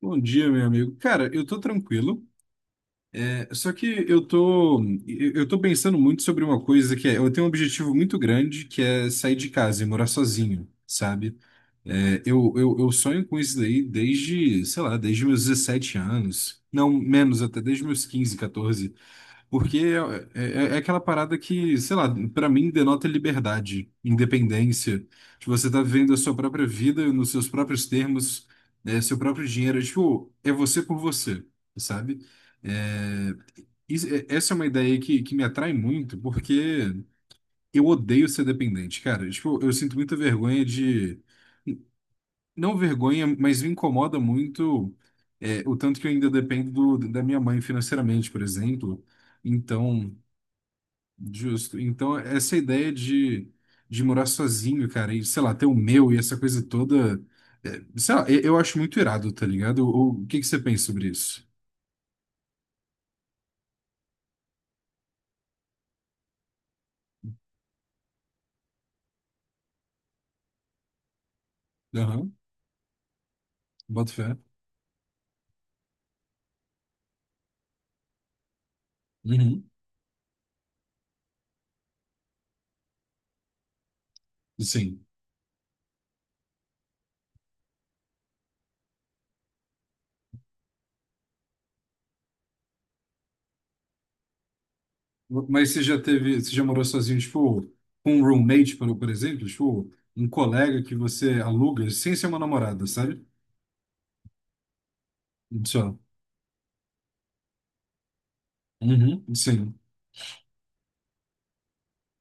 Bom dia, meu amigo. Cara, eu tô tranquilo. É, só que eu tô pensando muito sobre uma coisa que é, eu tenho um objetivo muito grande que é sair de casa e morar sozinho, sabe? É, eu sonho com isso daí desde, sei lá, desde meus 17 anos. Não, menos até, desde meus 15, 14. Porque é, é aquela parada que, sei lá, pra mim denota liberdade, independência. Tipo, você tá vivendo a sua própria vida nos seus próprios termos, né, seu próprio dinheiro. Tipo, é você por você, sabe? É, essa é uma ideia que me atrai muito, porque eu odeio ser dependente, cara. Tipo, eu sinto muita vergonha de. Não vergonha, mas me incomoda muito, o tanto que eu ainda dependo da minha mãe financeiramente, por exemplo. Então. Justo. Então, essa ideia de morar sozinho, cara, e sei lá, ter o meu e essa coisa toda, sei lá, eu acho muito irado, tá ligado? O que que você pensa sobre isso? Aham, boto fé. Uhum. Sim. Mas você já teve, você já morou sozinho, tipo, com um roommate, por exemplo, tipo, um colega que você aluga sem ser uma namorada, sabe? Só. Uhum. Sim.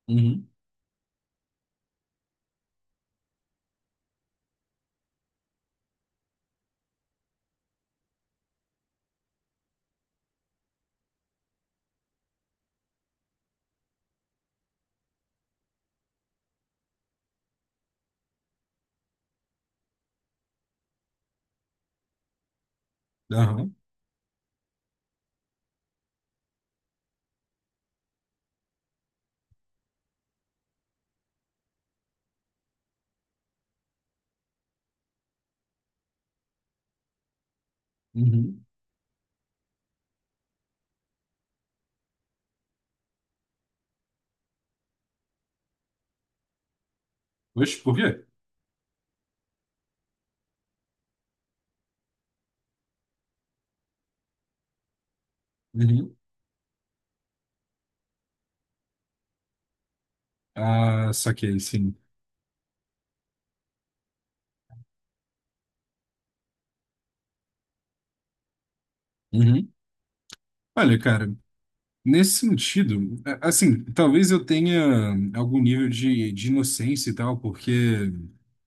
Uhum. Aham. Uhum. Oxe, por quê? Uhum. Ah, saquei, sim. Uhum. Olha, cara. Nesse sentido, assim, talvez eu tenha algum nível de inocência e tal, porque,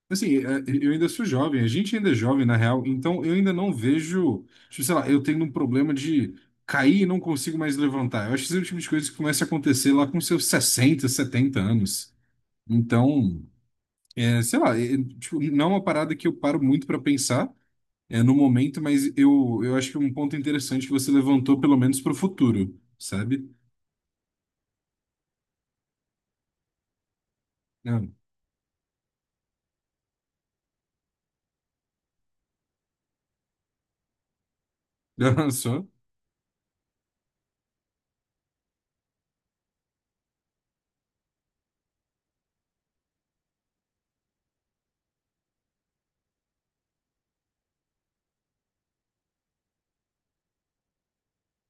assim, eu ainda sou jovem, a gente ainda é jovem, na real, então eu ainda não vejo, tipo, sei lá, eu tenho um problema de cair e não consigo mais levantar. Eu acho que esse é o tipo de coisa que começa a acontecer lá com seus 60, 70 anos. Então, sei lá, tipo, não é uma parada que eu paro muito para pensar, no momento, mas eu acho que é um ponto interessante que você levantou, pelo menos para o futuro, sabe? É, Aham, só.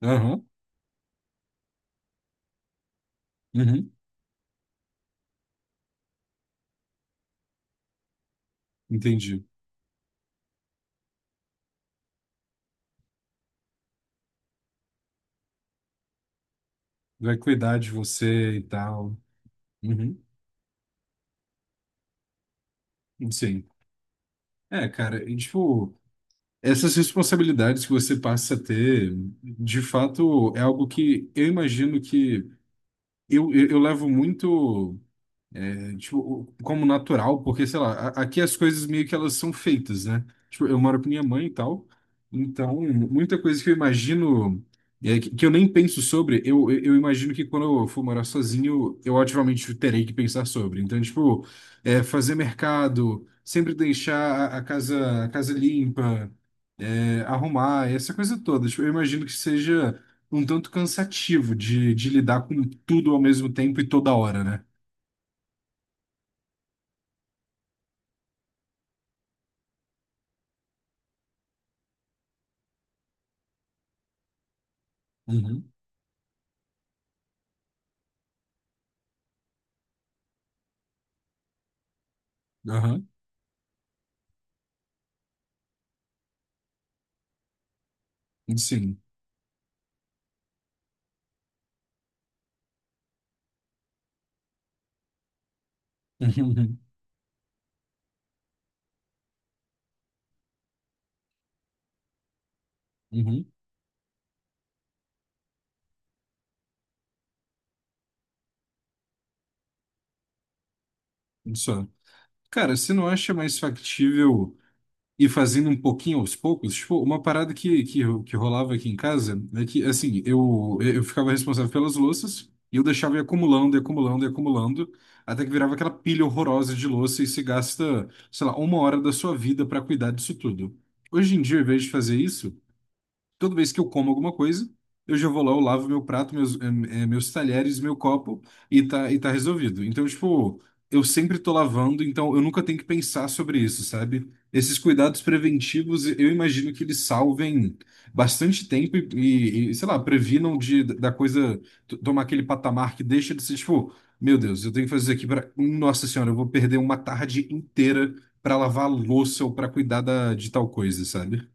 Aham. Uhum. Entendi. Vai cuidar de você e tal. Uhum. Sim. Cara, e, tipo, essas responsabilidades que você passa a ter, de fato, é algo que eu imagino que eu levo muito. Tipo, como natural, porque, sei lá, aqui as coisas meio que elas são feitas, né? Tipo, eu moro com minha mãe e tal, então muita coisa que eu imagino, que eu nem penso sobre, eu imagino que quando eu for morar sozinho, eu ativamente terei que pensar sobre. Então, tipo, fazer mercado, sempre deixar a casa limpa, arrumar, essa coisa toda. Tipo, eu imagino que seja um tanto cansativo de lidar com tudo ao mesmo tempo e toda hora, né? Uhum. Aham. Sim. Uhum, uhum, uhum. Só. Cara, você não acha mais factível ir fazendo um pouquinho aos poucos? Tipo, uma parada que rolava aqui em casa é que, assim, eu ficava responsável pelas louças e eu deixava ir acumulando, e acumulando, e acumulando, até que virava aquela pilha horrorosa de louça e se gasta, sei lá, uma hora da sua vida para cuidar disso tudo. Hoje em dia, ao invés de fazer isso, toda vez que eu como alguma coisa, eu já vou lá, eu lavo meu prato, meus talheres, meu copo e tá resolvido. Então, tipo, eu sempre tô lavando, então eu nunca tenho que pensar sobre isso, sabe? Esses cuidados preventivos, eu imagino que eles salvem bastante tempo e, sei lá, previnam da coisa tomar aquele patamar que deixa de ser, tipo, meu Deus, eu tenho que fazer isso aqui para. Nossa Senhora, eu vou perder uma tarde inteira para lavar a louça ou para cuidar de tal coisa, sabe?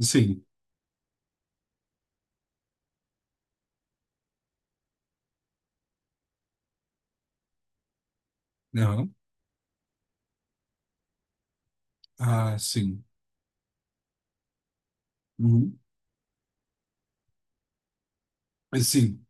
Sim. Aham. Ah, sim. Uhum. Mas sim,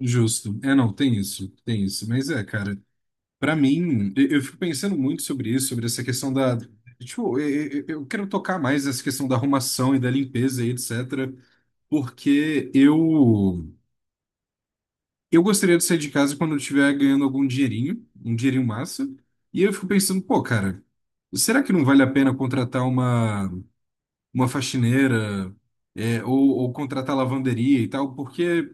justo. Não, tem isso, tem isso. Mas é, cara, pra mim, eu fico pensando muito sobre isso, sobre essa questão da. Tipo, eu quero tocar mais nessa questão da arrumação e da limpeza e etc. Porque eu gostaria de sair de casa quando eu estiver ganhando algum dinheirinho, um dinheirinho massa. E eu fico pensando, pô, cara, será que não vale a pena contratar uma faxineira, ou contratar lavanderia e tal? Porque.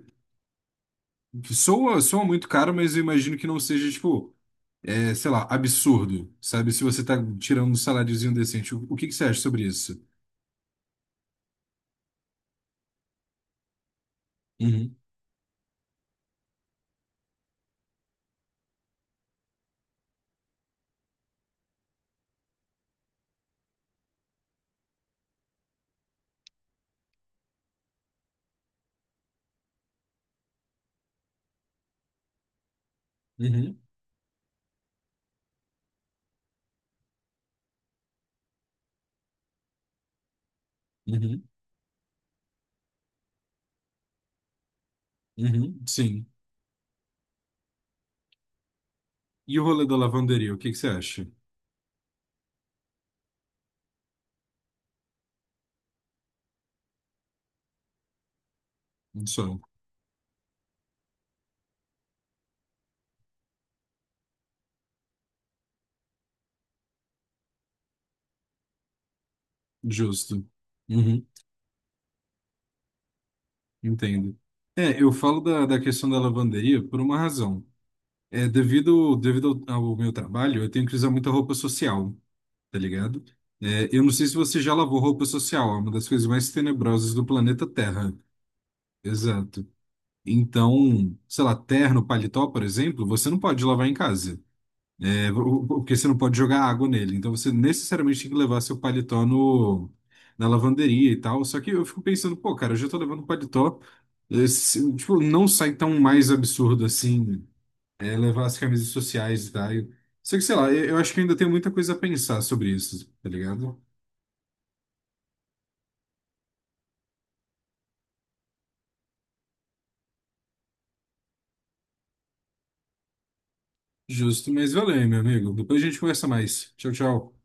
Soa muito caro, mas eu imagino que não seja, tipo, sei lá, absurdo, sabe? Se você tá tirando um saláriozinho decente. O que que você acha sobre isso? Uhum, uhum, uhum, uhum, sim. E o rolê da lavanderia, o que que você acha? Só, justo. Uhum, entendo. Eu falo da questão da lavanderia por uma razão. Devido ao meu trabalho, eu tenho que usar muita roupa social, tá ligado? Eu não sei se você já lavou roupa social, é uma das coisas mais tenebrosas do planeta Terra. Exato. Então, sei lá, terno, paletó, por exemplo, você não pode lavar em casa, porque você não pode jogar água nele. Então, você necessariamente tem que levar seu paletó no, na lavanderia e tal. Só que eu fico pensando, pô, cara, eu já tô levando paletó. Tipo, não sai tão mais absurdo assim, levar as camisas sociais e tal. Só que, sei lá, eu acho que ainda tem muita coisa a pensar sobre isso, tá ligado? Justo, mas valeu, meu amigo. Depois a gente conversa mais. Tchau, tchau.